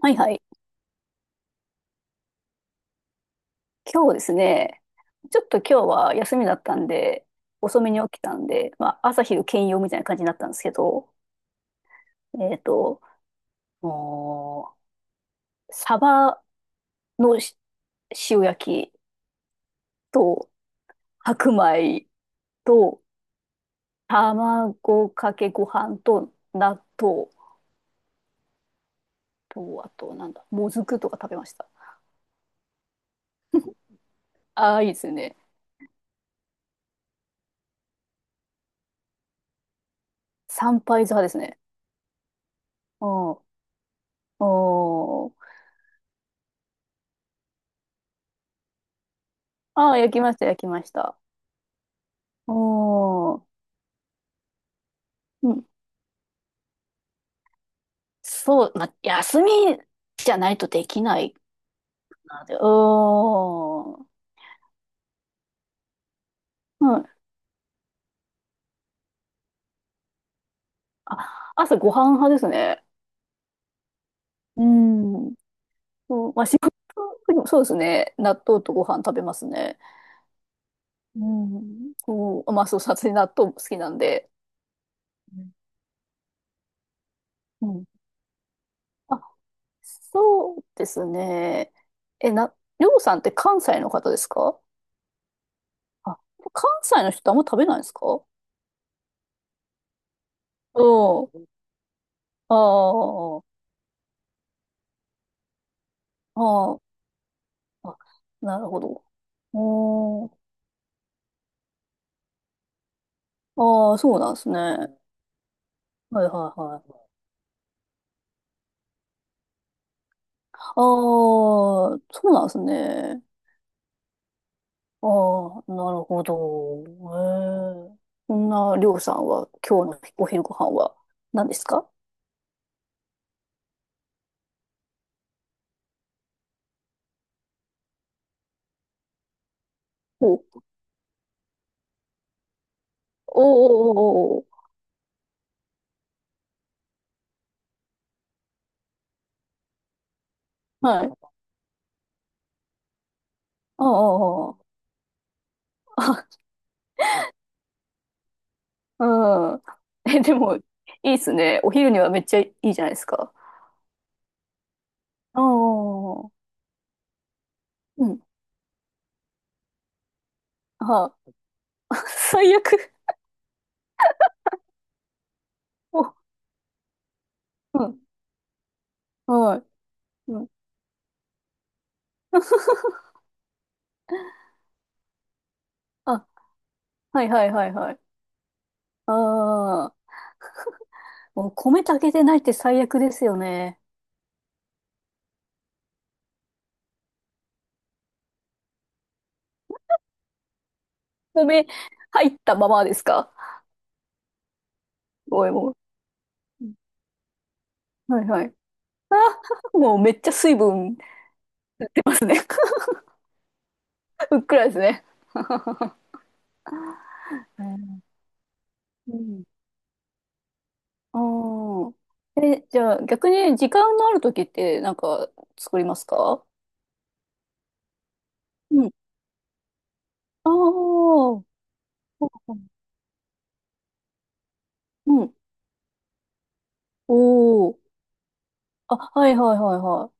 はいはい。今日ですね、ちょっと今日は休みだったんで、遅めに起きたんで、まあ、朝昼兼用みたいな感じになったんですけど、えっと、もうサバの塩焼きと白米と卵かけご飯と納豆と、あとなんだ、もずくとか食べました。ああ、いいですよね。三杯酢派ですね。うん。おー、ああ、焼きました、焼きました。おー。そう、まあ、休みじゃないとできないなで、うーん。うん。あ、朝ご飯派ですね。うん。そう、まあ、仕事でもそうですね。納豆とご飯食べますね。うん。こう、まあ、そう、さすがに納豆も好きなんで。うん。あ、そうですね。え、な、りょうさんって関西の方ですか？あ、関西の人ってあんま食べないんですか？うん。ああ、ああ、なるほど。おー、ああ、そうなんですね。はいはいはい。ああ、そうなんですね。ああ、なるほど。ええ。そんな、りょうさんは、今日のお昼ご飯は何ですか？お、おー、おお、おはい。ああ、ああ、あ、うん。え、でも、いいっすね。お昼にはめっちゃいいじゃないですか。ああ、うん。は。あ、最悪。お、うん。はい。うん、あ、 はいはいはいはい。ああ。もう米炊けてないって最悪ですよね。米入ったままですか？おいもう。はいはい。あ、もうめっちゃ水分出ますね。ふっくらですね。うん。うん、ああ。え、じゃあ逆に時間のある時ってなんか作りますか？うん。ああ。うん。おお。あ、はいはいはいは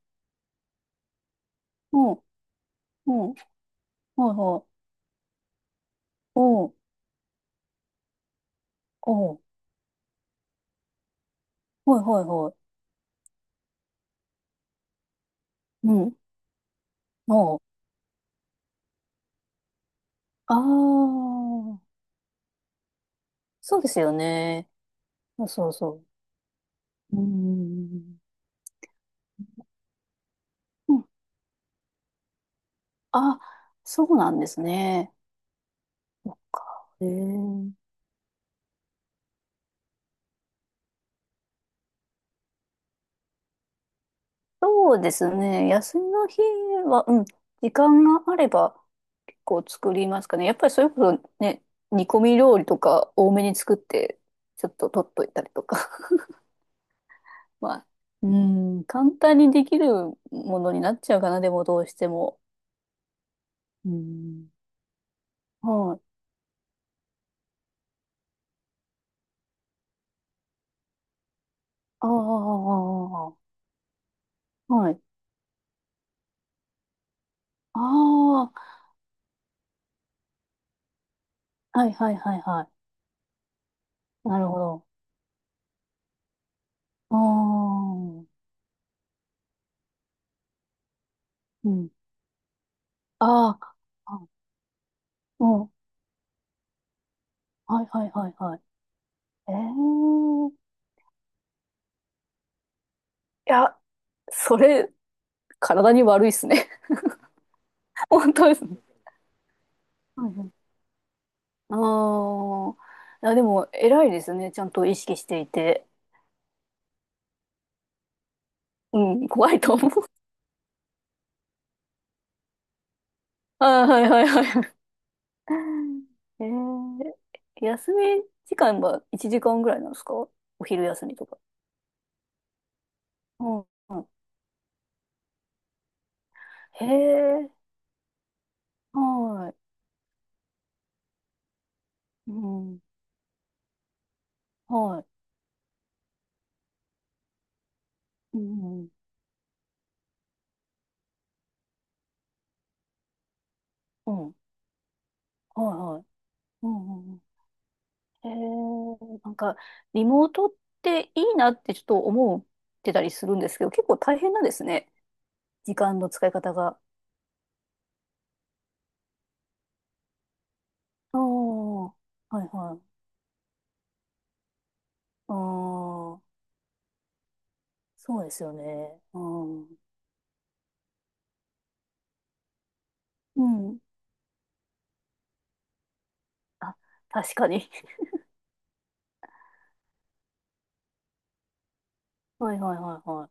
い。うん。うん。はいはい。うん。おお。はいはいはい。うん。もう、ああ、そうですよね。そうそうそう。うん。うん。あ、そうなんですね。そっか。えー、そうですね。休みの日は、うん。時間があれば結構作りますかね。やっぱりそれこそね、煮込み料理とか多めに作って、ちょっと取っといたりとか。まあ、うん。簡単にできるものになっちゃうかな、でもどうしても。うん。はい、ああ、はい。ああ、はいはいはいはい。なるほど。ああ、うん。ああ、あ、うん。はいはいはいはい。ええ、いや、それ、体に悪いっすね。本当ですね。はいはい。ああ、いや、でも、偉いですね。ちゃんと意識していて。うん、怖いと思う。あー、はいはいはいはい。えー、休み時間は1時間ぐらいなんですかお昼休みとか。うん。へえ、はい。うん。はい。うん。うん。うん、はいはい。うんうんうん。へえ、なんか、リモートっていいなってちょっと思ってたりするんですけど、結構大変なんですね。時間の使い方が。ああ、はいはい。ああ、そうですよね。うん。うん。あ、確かに。はいはいはいは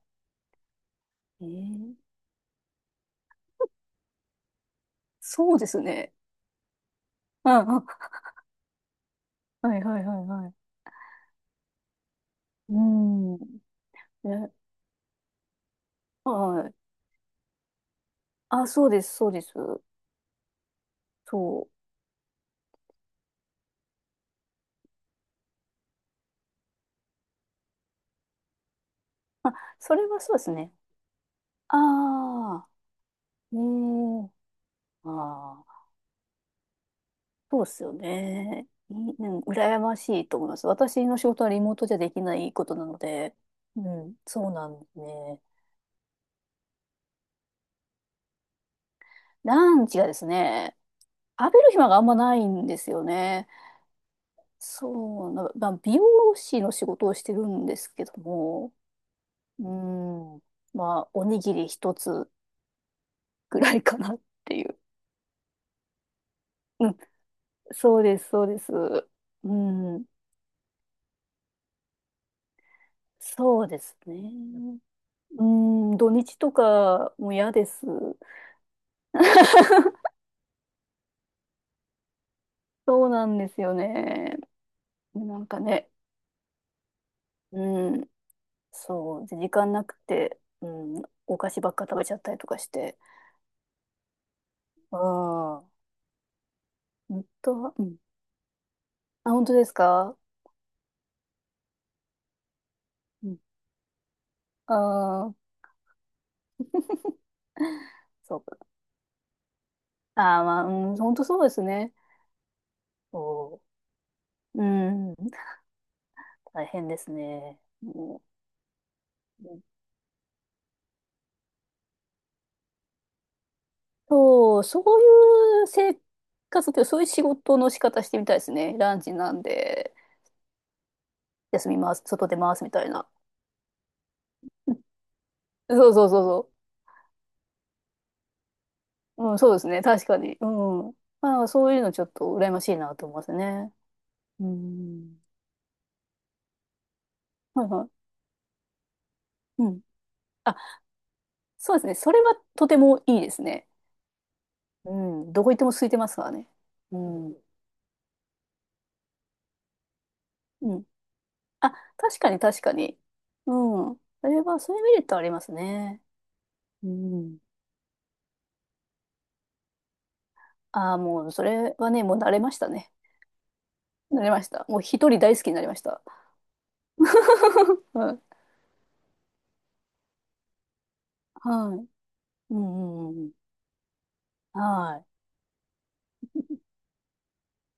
い。ええ、そうですね。ああ、はいはいはいはい。うん。ね、はい。あ、そうです、そうです。そう。あ、それはそうですね。ああ、ね、え、ああ、そうですよね。い、うん、羨ましいと思います。私の仕事はリモートじゃできないことなので、うん、そうなんですね。ランチがですね、食べる暇があんまないんですよね。そうな、まあ、美容師の仕事をしてるんですけども、うん、まあ、おにぎり一つぐらいかなっていう。うん、そうです、そうです。うん、そうですね。うん、土日とかも嫌です。そうなんですよね。なんかね、うん、そう、時間なくて、うん、お菓子ばっか食べちゃったりとかして。ああ、本当は、うん。あ、本当ですか？うん。ああ、そうか。ああ、まあ、うん、本当そうですね。そう。うん、大変ですね。うん、そう、そういう生活というか、そういう仕事の仕方してみたいですね。ランチなんで、休みます、外出ますみたいな。そうそうそうそう。うん、そうですね。確かに。うん。まあ、そういうのちょっと羨ましいなと思いますね。うん。はいはい。うん。あ、そうですね。それはとてもいいですね。うん。どこ行っても空いてますからね。うん。うん。あ、確かに確かに。うん。それは、そういうメリットありますね。うん。ああ、もう、それはね、もう慣れましたね。慣れました。もう一人大好きになりました。うん、はい。うんうんうん。はい。